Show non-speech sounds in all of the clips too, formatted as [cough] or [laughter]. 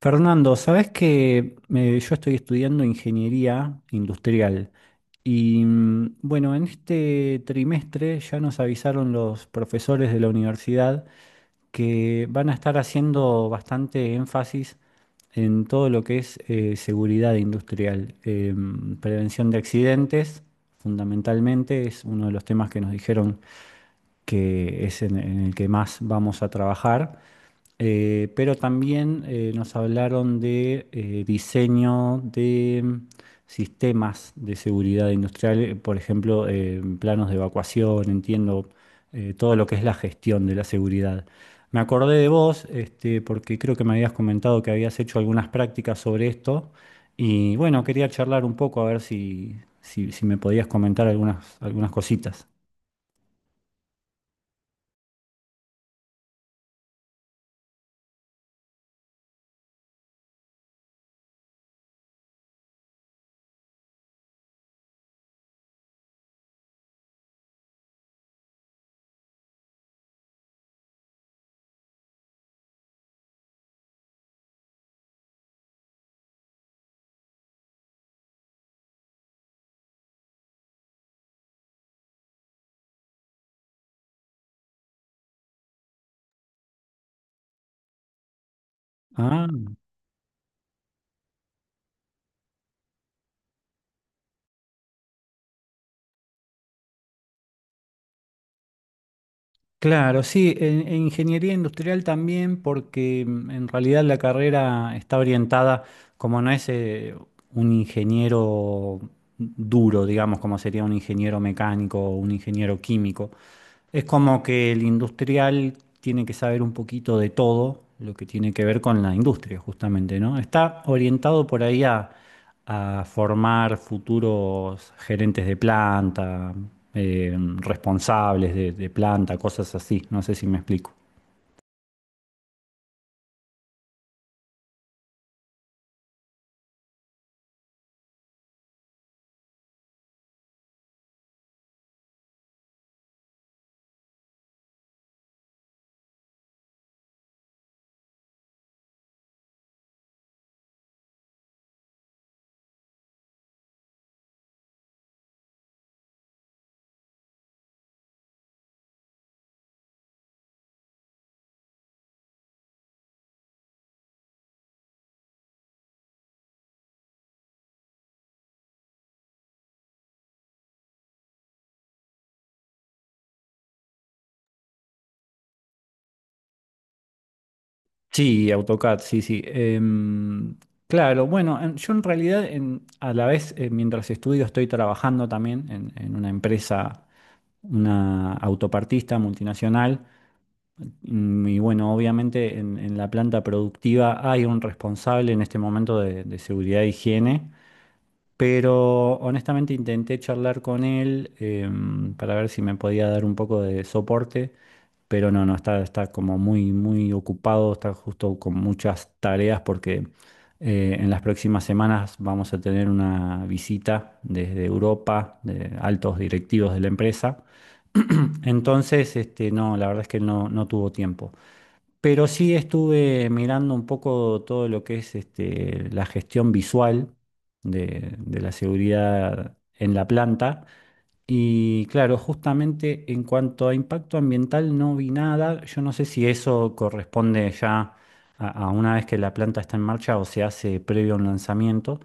Fernando, sabes que yo estoy estudiando ingeniería industrial y bueno, en este trimestre ya nos avisaron los profesores de la universidad que van a estar haciendo bastante énfasis en todo lo que es seguridad industrial, prevención de accidentes, fundamentalmente es uno de los temas que nos dijeron que es en el que más vamos a trabajar. Pero también nos hablaron de diseño de sistemas de seguridad industrial, por ejemplo, planos de evacuación, entiendo, todo lo que es la gestión de la seguridad. Me acordé de vos, este, porque creo que me habías comentado que habías hecho algunas prácticas sobre esto y bueno, quería charlar un poco a ver si me podías comentar algunas cositas. Ah. Claro, sí, en ingeniería industrial también, porque en realidad la carrera está orientada, como no es un ingeniero duro, digamos, como sería un ingeniero mecánico o un ingeniero químico, es como que el industrial tiene que saber un poquito de todo lo que tiene que ver con la industria, justamente, ¿no? Está orientado por ahí a formar futuros gerentes de planta, responsables de planta, cosas así. No sé si me explico. Sí, AutoCAD, sí, sí. Claro, bueno, yo en realidad a la vez, mientras estudio, estoy trabajando también en una empresa, una autopartista multinacional. Y bueno, obviamente en la planta productiva hay un responsable en este momento de seguridad e higiene, pero honestamente intenté charlar con él para ver si me podía dar un poco de soporte, pero no, no, está, está como muy, muy ocupado, está justo con muchas tareas porque en las próximas semanas vamos a tener una visita desde Europa de altos directivos de la empresa. Entonces, este, no, la verdad es que no, no tuvo tiempo. Pero sí estuve mirando un poco todo lo que es este, la gestión visual de la seguridad en la planta. Y claro, justamente en cuanto a impacto ambiental no vi nada. Yo no sé si eso corresponde ya a una vez que la planta está en marcha o se hace previo a un lanzamiento,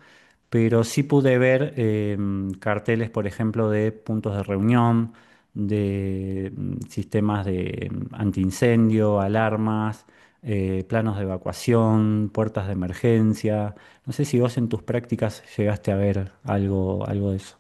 pero sí pude ver carteles, por ejemplo, de puntos de reunión, de sistemas de antiincendio, alarmas, planos de evacuación, puertas de emergencia. No sé si vos en tus prácticas llegaste a ver algo, algo de eso.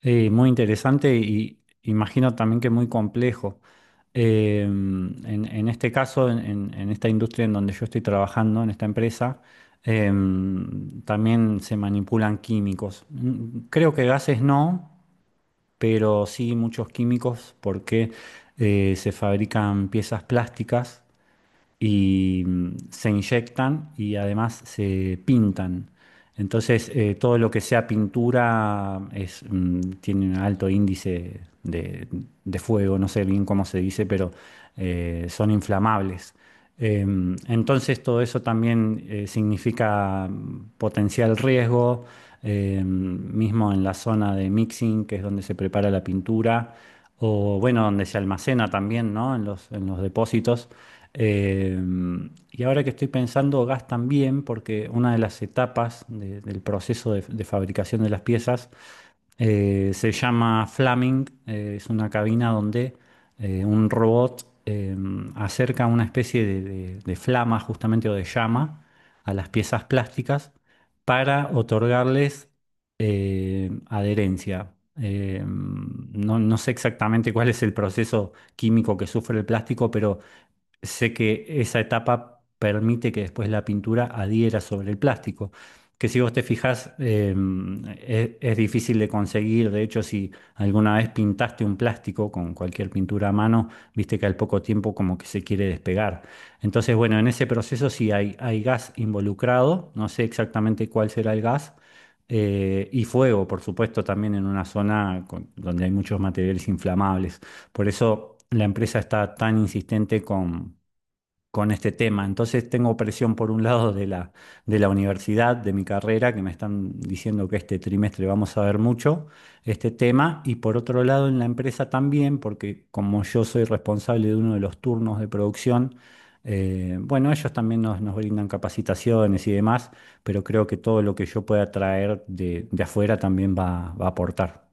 Sí, muy interesante y imagino también que muy complejo. Eh, en, en este caso, en, en esta industria en donde yo estoy trabajando, en esta empresa, eh, también se manipulan químicos. Creo que gases no, pero sí muchos químicos porque se fabrican piezas plásticas y se inyectan y además se pintan. Entonces, todo lo que sea pintura es, tiene un alto índice de fuego, no sé bien cómo se dice, pero son inflamables. Entonces, todo eso también significa potencial riesgo, mismo en la zona de mixing, que es donde se prepara la pintura, o bueno, donde se almacena también, ¿no? En los depósitos. Eh, y ahora que estoy pensando, gas también, porque una de las etapas del proceso de fabricación de las piezas se llama Flaming, es una cabina donde un robot acerca una especie de, de flama justamente o de llama a las piezas plásticas para otorgarles adherencia. No, no sé exactamente cuál es el proceso químico que sufre el plástico, pero sé que esa etapa permite que después la pintura adhiera sobre el plástico, que si vos te fijas es difícil de conseguir. De hecho, si alguna vez pintaste un plástico con cualquier pintura a mano, viste que al poco tiempo como que se quiere despegar. Entonces, bueno, en ese proceso sí hay gas involucrado, no sé exactamente cuál será el gas, y fuego, por supuesto, también en una zona donde hay muchos materiales inflamables. Por eso la empresa está tan insistente con este tema. Entonces tengo presión por un lado de la universidad, de mi carrera, que me están diciendo que este trimestre vamos a ver mucho este tema, y por otro lado en la empresa también, porque como yo soy responsable de uno de los turnos de producción, bueno, ellos también nos, nos brindan capacitaciones y demás, pero creo que todo lo que yo pueda traer de afuera también va, va a aportar.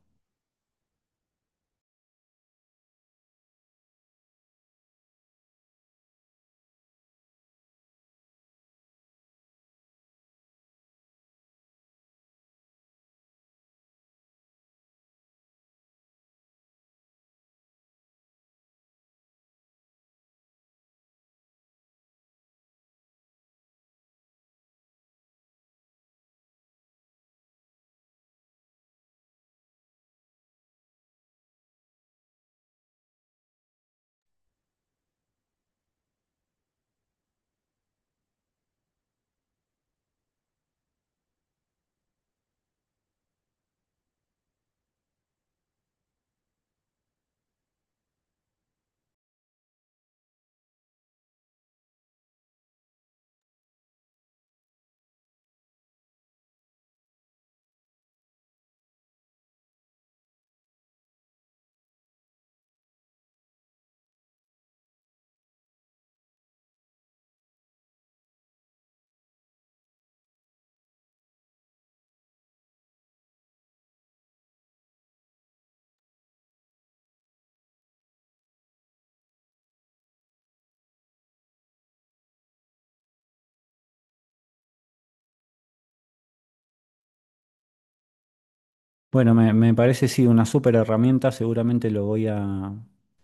Bueno, me parece sí una súper herramienta, seguramente lo voy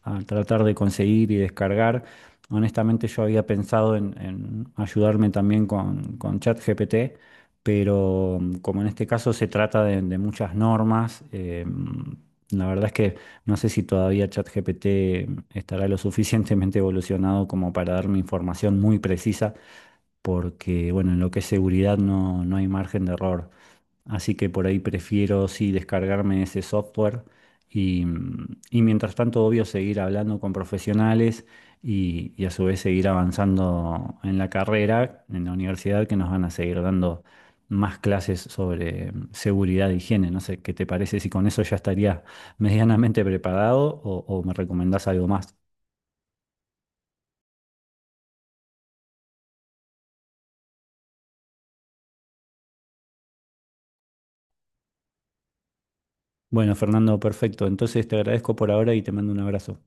a tratar de conseguir y descargar. Honestamente yo había pensado en ayudarme también con ChatGPT, pero como en este caso se trata de muchas normas, la verdad es que no sé si todavía ChatGPT estará lo suficientemente evolucionado como para darme información muy precisa porque, bueno, en lo que es seguridad no, no hay margen de error. Así que por ahí prefiero, sí, descargarme ese software y, y mientras tanto, obvio, seguir hablando con profesionales y a su vez seguir avanzando en la carrera, en la universidad, que nos van a seguir dando más clases sobre seguridad e higiene. No sé, ¿qué te parece si con eso ya estaría [laughs] medianamente preparado o me recomendás algo más? Bueno, Fernando, perfecto. Entonces te agradezco por ahora y te mando un abrazo.